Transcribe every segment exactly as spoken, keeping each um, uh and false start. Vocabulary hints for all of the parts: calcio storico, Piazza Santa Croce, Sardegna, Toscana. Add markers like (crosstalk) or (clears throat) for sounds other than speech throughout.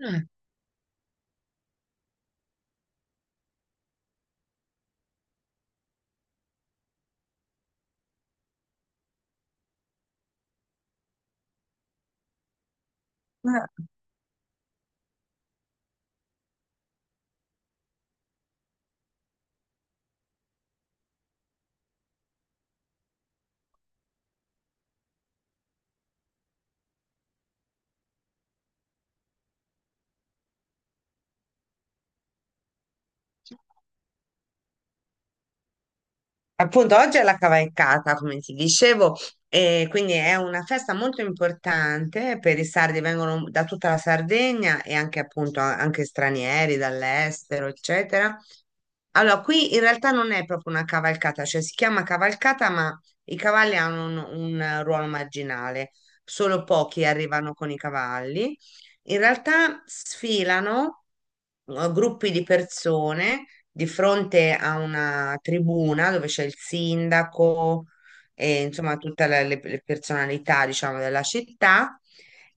Eh, Appunto, oggi è la cavalcata, come ti dicevo, e quindi è una festa molto importante per i sardi, vengono da tutta la Sardegna e anche appunto a- anche stranieri dall'estero, eccetera. Allora, qui in realtà non è proprio una cavalcata, cioè si chiama cavalcata, ma i cavalli hanno un, un eh, ruolo marginale, solo pochi arrivano con i cavalli. In realtà sfilano eh, gruppi di persone di fronte a una tribuna dove c'è il sindaco e insomma tutte le, le- le personalità, diciamo, della città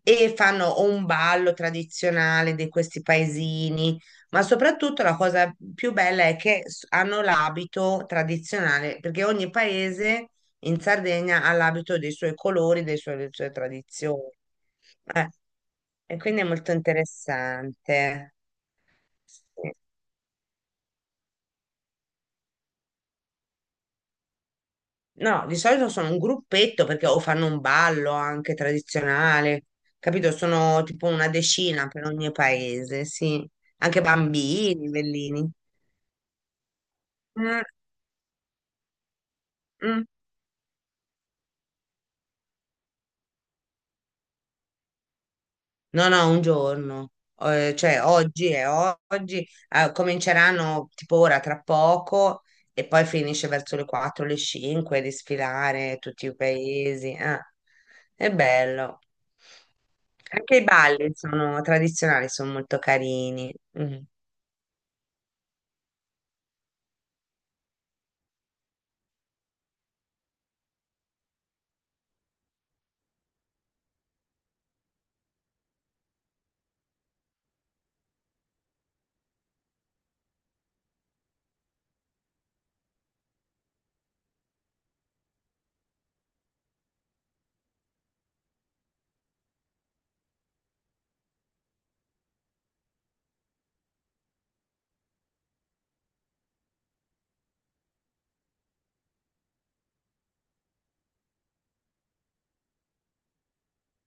e fanno o un ballo tradizionale di questi paesini, ma soprattutto la cosa più bella è che s- hanno l'abito tradizionale, perché ogni paese in Sardegna ha l'abito dei suoi colori, dei suoi- delle sue tradizioni. Eh, e quindi è molto interessante. Sì. No, di solito sono un gruppetto perché o fanno un ballo anche tradizionale, capito? Sono tipo una decina per ogni paese, sì. Anche bambini, bellini. Mm, mm. No, no, un giorno. Eh, cioè, oggi è oggi, eh, cominceranno tipo ora tra poco e poi finisce verso le quattro, le cinque di sfilare tutti i paesi. eh. È bello. Anche i balli sono tradizionali, sono molto carini. Mm.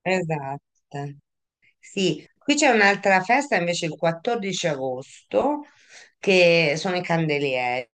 Esatto. Sì, qui c'è un'altra festa invece il quattordici agosto, che sono i candelieri.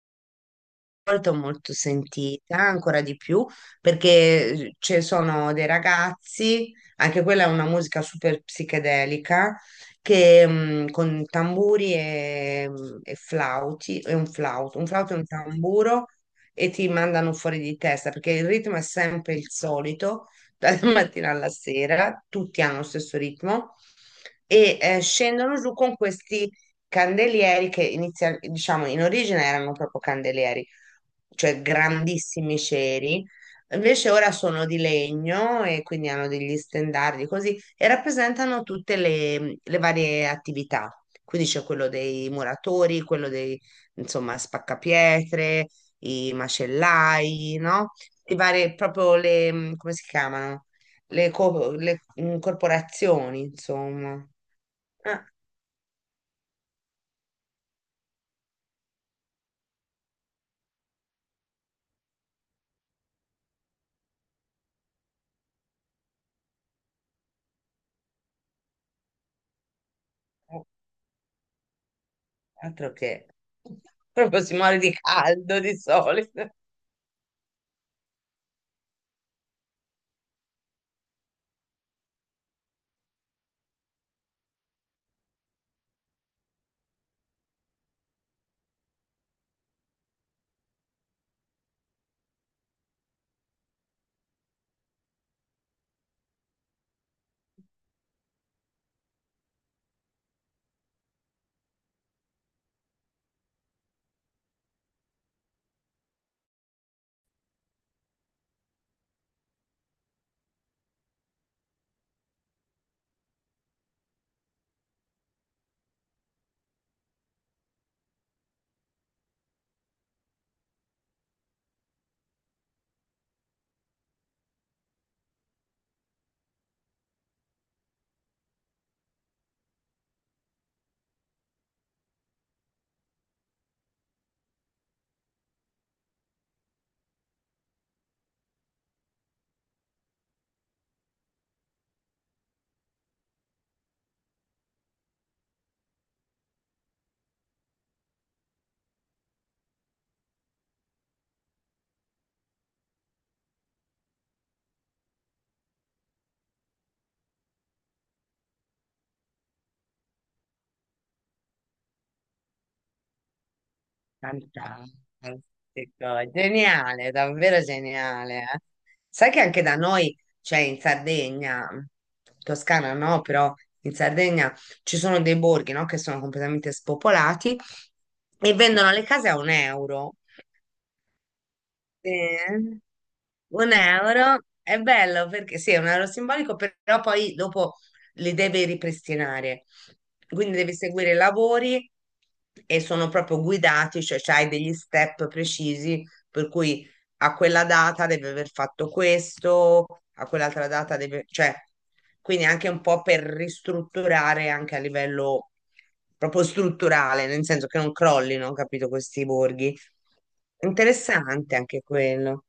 Molto molto sentita, ancora di più, perché eh, ci sono dei ragazzi, anche quella è una musica super psichedelica, che mh, con tamburi e, mm, e flauti, e un flauto, un flauto e un tamburo, e ti mandano fuori di testa, perché il ritmo è sempre il solito, dalla (laughs) mattina alla sera, tutti hanno lo stesso ritmo, e eh, scendono giù con questi candelieri che inizia, diciamo, in origine erano proprio candelieri, cioè grandissimi ceri. Invece ora sono di legno e quindi hanno degli stendardi così e rappresentano tutte le, le varie attività. Quindi c'è quello dei muratori, quello dei, insomma, spaccapietre, i macellai, no? I vari, proprio le, mh, come si chiamano? Le, co- le, mh, corporazioni, insomma. Ah, altro che (laughs) proprio si muore di caldo di solito. Fantastico, geniale, davvero geniale. eh. Sai che anche da noi, cioè in Sardegna, Toscana no, però in Sardegna ci sono dei borghi, no, che sono completamente spopolati e vendono le case a un euro. Sì. Un euro è bello perché sì, è un euro simbolico, però poi dopo li deve ripristinare. Quindi devi seguire i lavori e sono proprio guidati, cioè hai degli step precisi per cui a quella data deve aver fatto questo, a quell'altra data deve, cioè, quindi anche un po' per ristrutturare anche a livello proprio strutturale, nel senso che non crollino, capito, questi borghi. Interessante anche quello.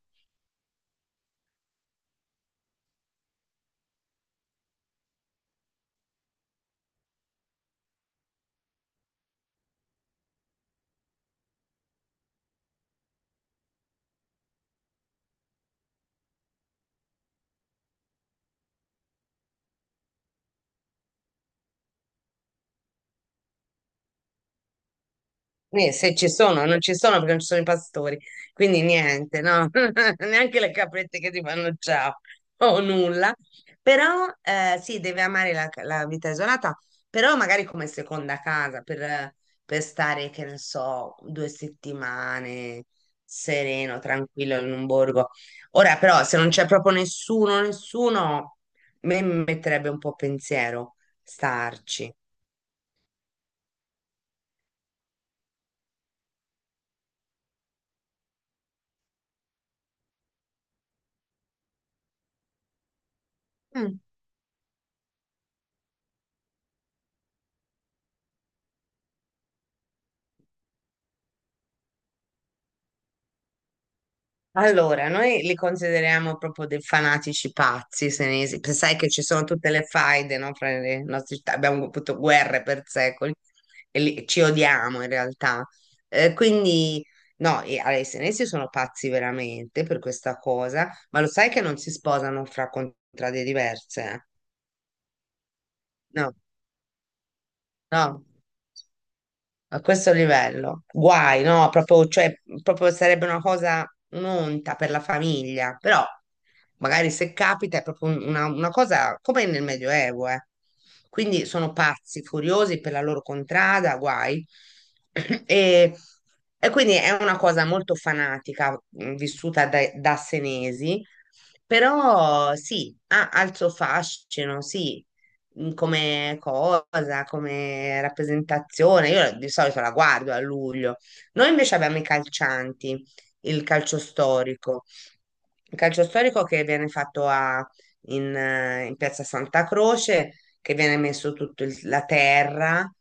Eh, se ci sono, non ci sono perché non ci sono i pastori, quindi niente, no? (laughs) Neanche le caprette che ti fanno ciao o nulla. Però eh, sì, deve amare la, la vita isolata, però magari come seconda casa per, per stare, che ne so, due settimane sereno, tranquillo in un borgo. Ora però se non c'è proprio nessuno, nessuno, me- mi metterebbe un po' pensiero starci. Allora, noi li consideriamo proprio dei fanatici pazzi senesi, perché sai che ci sono tutte le faide, no, fra le nostre città, abbiamo avuto guerre per secoli e li- ci odiamo in realtà. Eh, quindi, no, i, allora, i senesi sono pazzi veramente per questa cosa, ma lo sai che non si sposano fra contrade diverse? No, no, a questo livello. Guai, no? Proprio, cioè, proprio sarebbe una cosa, un'onta per la famiglia, però magari se capita è proprio un- una, una cosa come nel Medioevo, eh. Quindi sono pazzi, furiosi per la loro contrada, guai. (clears throat) E, e quindi è una cosa molto fanatica, mh, vissuta dai- da, senesi, però sì, ha, ha il suo fascino, sì, mm, come cosa, come rappresentazione. Io di solito la guardo a luglio. Noi invece abbiamo i calcianti, il calcio storico. Il calcio storico che viene fatto a- in, eh, in Piazza Santa Croce, che viene messo tutta la terra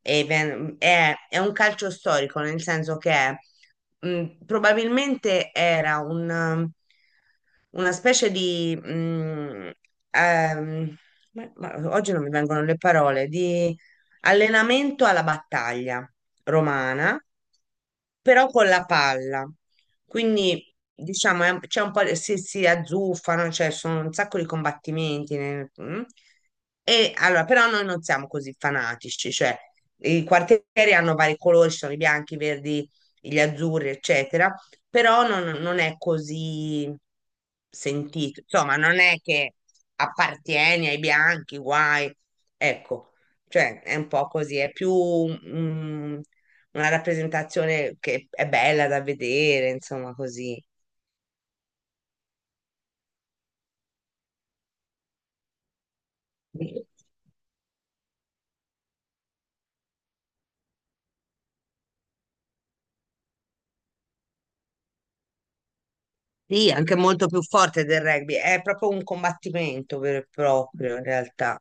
e ven- è, è un calcio storico, nel senso che è, mh, probabilmente era un, um, una specie di... mh, ehm, ma- ma oggi non mi vengono le parole, di allenamento alla battaglia romana, però con la palla. Quindi diciamo è un- c'è un po' di- si, si azzuffano, cioè sono un sacco di combattimenti. nel- mm. E allora, però noi non siamo così fanatici, cioè i quartieri hanno vari colori, ci sono i bianchi, i verdi, gli azzurri, eccetera, però non, non è così sentito. Insomma, non è che appartieni ai bianchi, guai. Ecco, cioè è un po' così, è più mm, una rappresentazione che è bella da vedere, insomma, così. Sì, anche molto più forte del rugby, è proprio un combattimento vero e proprio in realtà.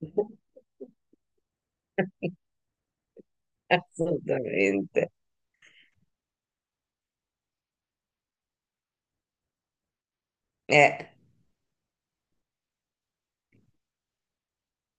(laughs) Assolutamente. Eh.